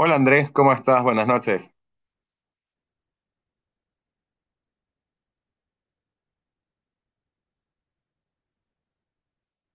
Hola Andrés, ¿cómo estás? Buenas noches.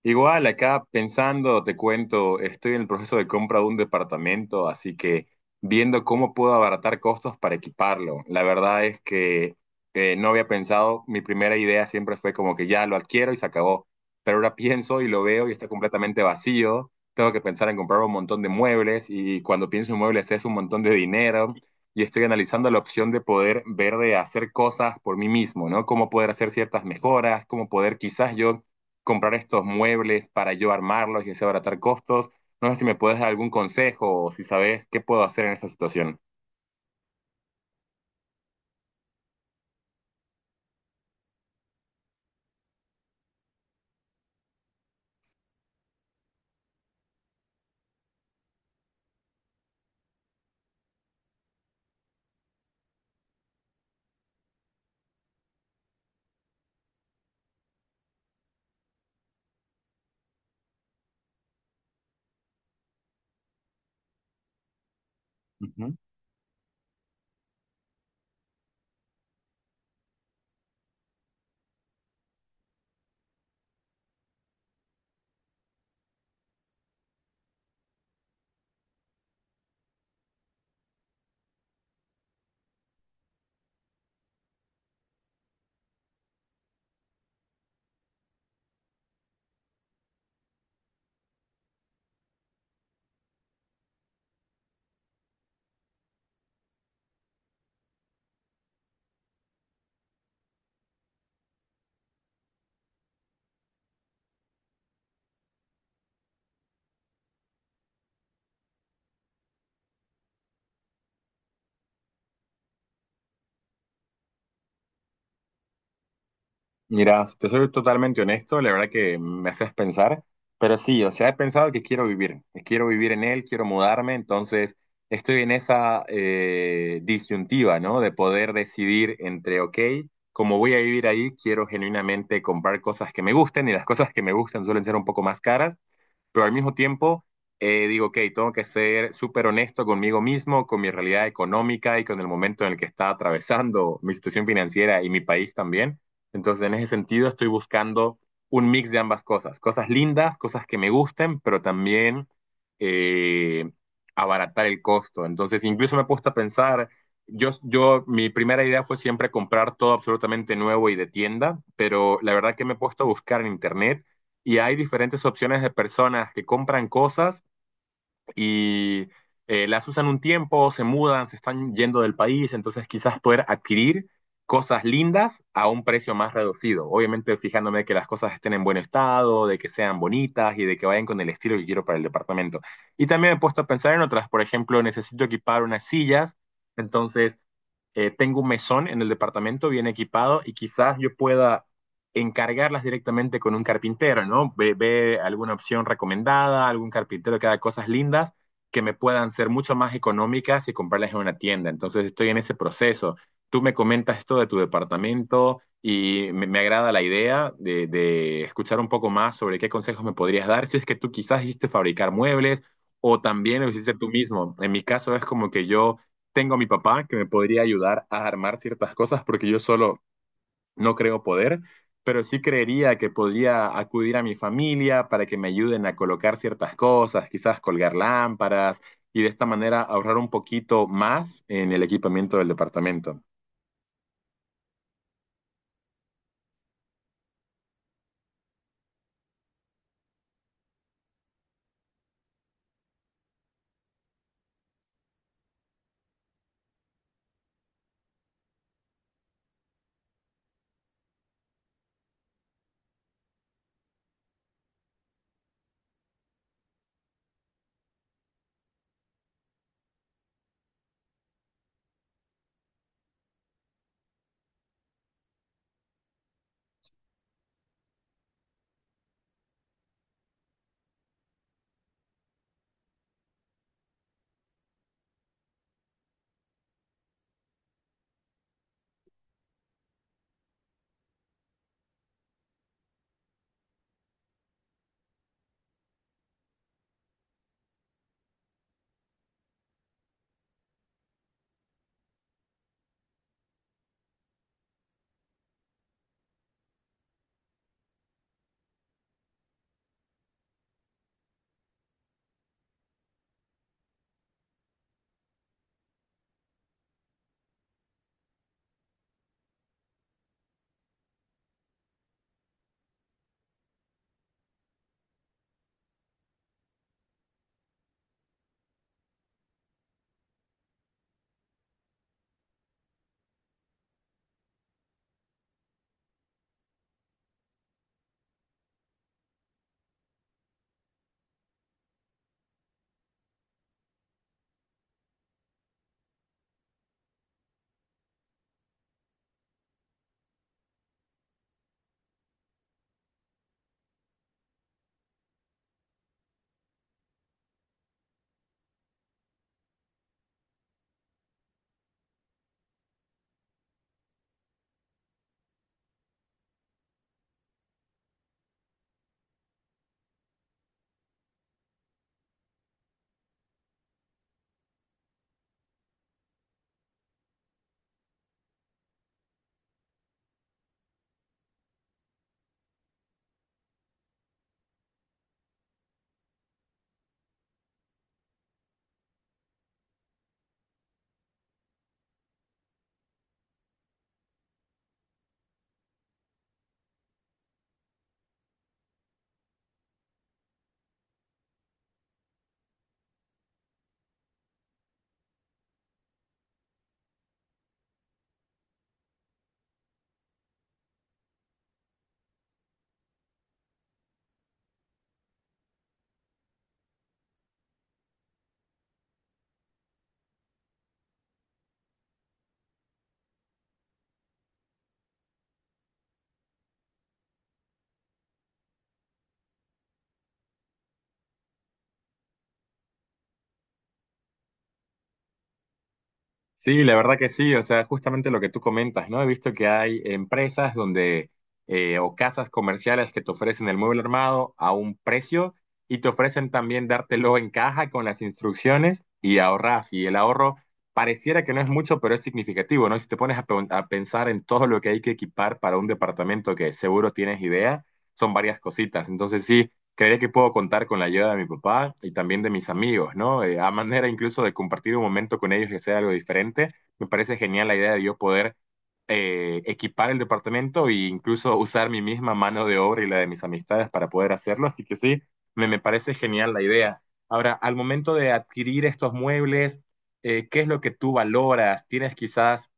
Igual, acá pensando, te cuento, estoy en el proceso de compra de un departamento, así que viendo cómo puedo abaratar costos para equiparlo. La verdad es que no había pensado, mi primera idea siempre fue como que ya lo adquiero y se acabó, pero ahora pienso y lo veo y está completamente vacío, tengo que pensar en comprar un montón de muebles y cuando pienso en muebles es un montón de dinero y estoy analizando la opción de poder ver de hacer cosas por mí mismo, ¿no? Cómo poder hacer ciertas mejoras, cómo poder quizás yo comprar estos muebles para yo armarlos y así abaratar costos. No sé si me puedes dar algún consejo o si sabes qué puedo hacer en esta situación. Ujú. Mira, si te soy totalmente honesto, la verdad que me haces pensar, pero sí, o sea, he pensado que quiero vivir en él, quiero mudarme, entonces estoy en esa disyuntiva, ¿no? De poder decidir entre, ok, como voy a vivir ahí, quiero genuinamente comprar cosas que me gusten y las cosas que me gustan suelen ser un poco más caras, pero al mismo tiempo digo, ok, tengo que ser súper honesto conmigo mismo, con mi realidad económica y con el momento en el que está atravesando mi situación financiera y mi país también. Entonces, en ese sentido, estoy buscando un mix de ambas cosas, cosas lindas, cosas que me gusten, pero también eh, abaratar el costo. Entonces, incluso me he puesto a pensar, mi primera idea fue siempre comprar todo absolutamente nuevo y de tienda, pero la verdad que me he puesto a buscar en internet y hay diferentes opciones de personas que compran cosas y las usan un tiempo, se mudan, se están yendo del país, entonces quizás poder adquirir cosas lindas a un precio más reducido. Obviamente fijándome que las cosas estén en buen estado, de que sean bonitas y de que vayan con el estilo que quiero para el departamento. Y también me he puesto a pensar en otras, por ejemplo, necesito equipar unas sillas, entonces tengo un mesón en el departamento bien equipado y quizás yo pueda encargarlas directamente con un carpintero, ¿no? Ve alguna opción recomendada, algún carpintero que haga cosas lindas que me puedan ser mucho más económicas y comprarlas en una tienda. Entonces estoy en ese proceso. Tú me comentas esto de tu departamento y me agrada la idea de escuchar un poco más sobre qué consejos me podrías dar si es que tú quizás hiciste fabricar muebles o también lo hiciste tú mismo. En mi caso es como que yo tengo a mi papá que me podría ayudar a armar ciertas cosas porque yo solo no creo poder, pero sí creería que podría acudir a mi familia para que me ayuden a colocar ciertas cosas, quizás colgar lámparas y de esta manera ahorrar un poquito más en el equipamiento del departamento. Sí, la verdad que sí, o sea, justamente lo que tú comentas, ¿no? He visto que hay empresas donde, o casas comerciales que te ofrecen el mueble armado a un precio y te ofrecen también dártelo en caja con las instrucciones y ahorras. Y el ahorro pareciera que no es mucho, pero es significativo, ¿no? Si te pones a pensar en todo lo que hay que equipar para un departamento que seguro tienes idea, son varias cositas. Entonces sí. Creería que puedo contar con la ayuda de mi papá y también de mis amigos, ¿no? A manera incluso de compartir un momento con ellos que sea algo diferente. Me parece genial la idea de yo poder equipar el departamento e incluso usar mi misma mano de obra y la de mis amistades para poder hacerlo. Así que sí, me parece genial la idea. Ahora, al momento de adquirir estos muebles, ¿qué es lo que tú valoras? ¿Tienes quizás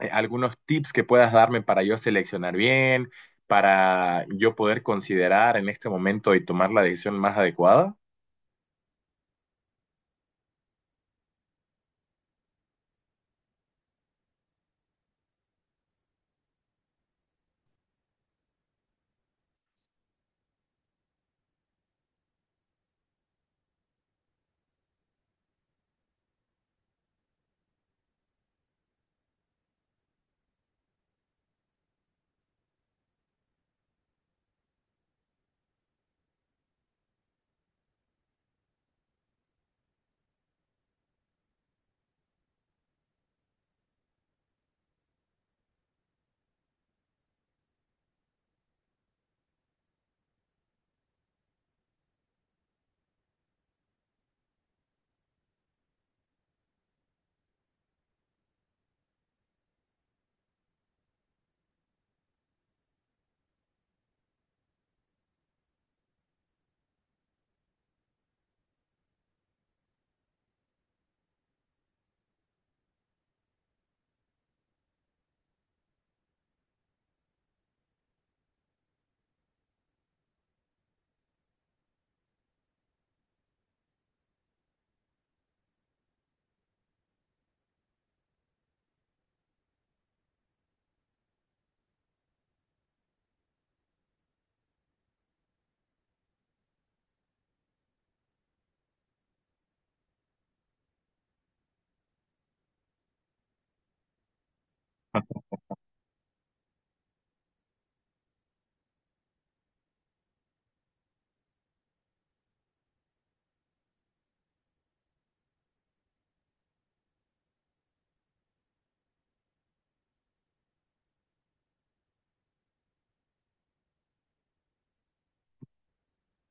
algunos tips que puedas darme para yo seleccionar bien, para yo poder considerar en este momento y tomar la decisión más adecuada?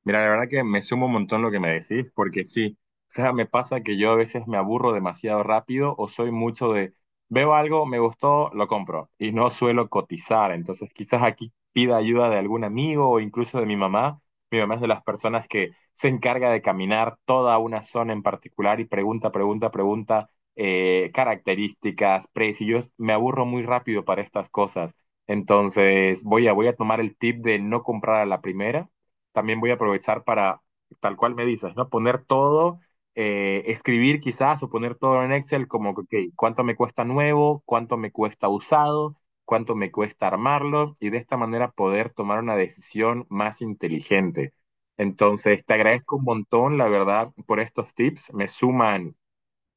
Mira, la verdad que me sumo un montón lo que me decís, porque sí, o sea, me pasa que yo a veces me aburro demasiado rápido o soy mucho de, veo algo, me gustó, lo compro y no suelo cotizar, entonces quizás aquí pida ayuda de algún amigo o incluso de mi mamá. Mi mamá es de las personas que se encarga de caminar toda una zona en particular y pregunta, pregunta, pregunta, características, precios. Me aburro muy rápido para estas cosas. Entonces voy a tomar el tip de no comprar a la primera también voy a aprovechar para, tal cual me dices, ¿no? Poner todo, escribir quizás o poner todo en Excel como, que, ok, ¿cuánto me cuesta nuevo? ¿Cuánto me cuesta usado? ¿Cuánto me cuesta armarlo? Y de esta manera poder tomar una decisión más inteligente. Entonces, te agradezco un montón, la verdad, por estos tips. Me suman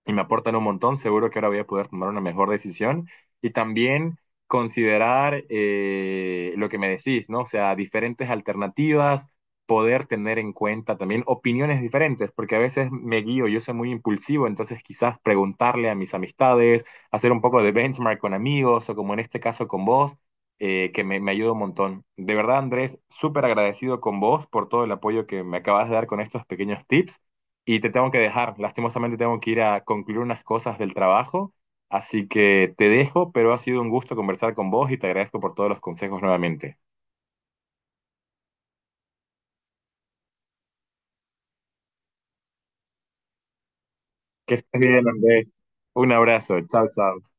y me aportan un montón, seguro que ahora voy a poder tomar una mejor decisión y también considerar lo que me decís, ¿no? O sea, diferentes alternativas, poder tener en cuenta también opiniones diferentes, porque a veces me guío, yo soy muy impulsivo, entonces quizás preguntarle a mis amistades, hacer un poco de benchmark con amigos o como en este caso con vos. Que me ayuda un montón. De verdad, Andrés, súper agradecido con vos por todo el apoyo que me acabas de dar con estos pequeños tips. Y te tengo que dejar, lastimosamente tengo que ir a concluir unas cosas del trabajo, así que te dejo, pero ha sido un gusto conversar con vos y te agradezco por todos los consejos nuevamente. Que estés bien, Andrés. Un abrazo. Chao, chao.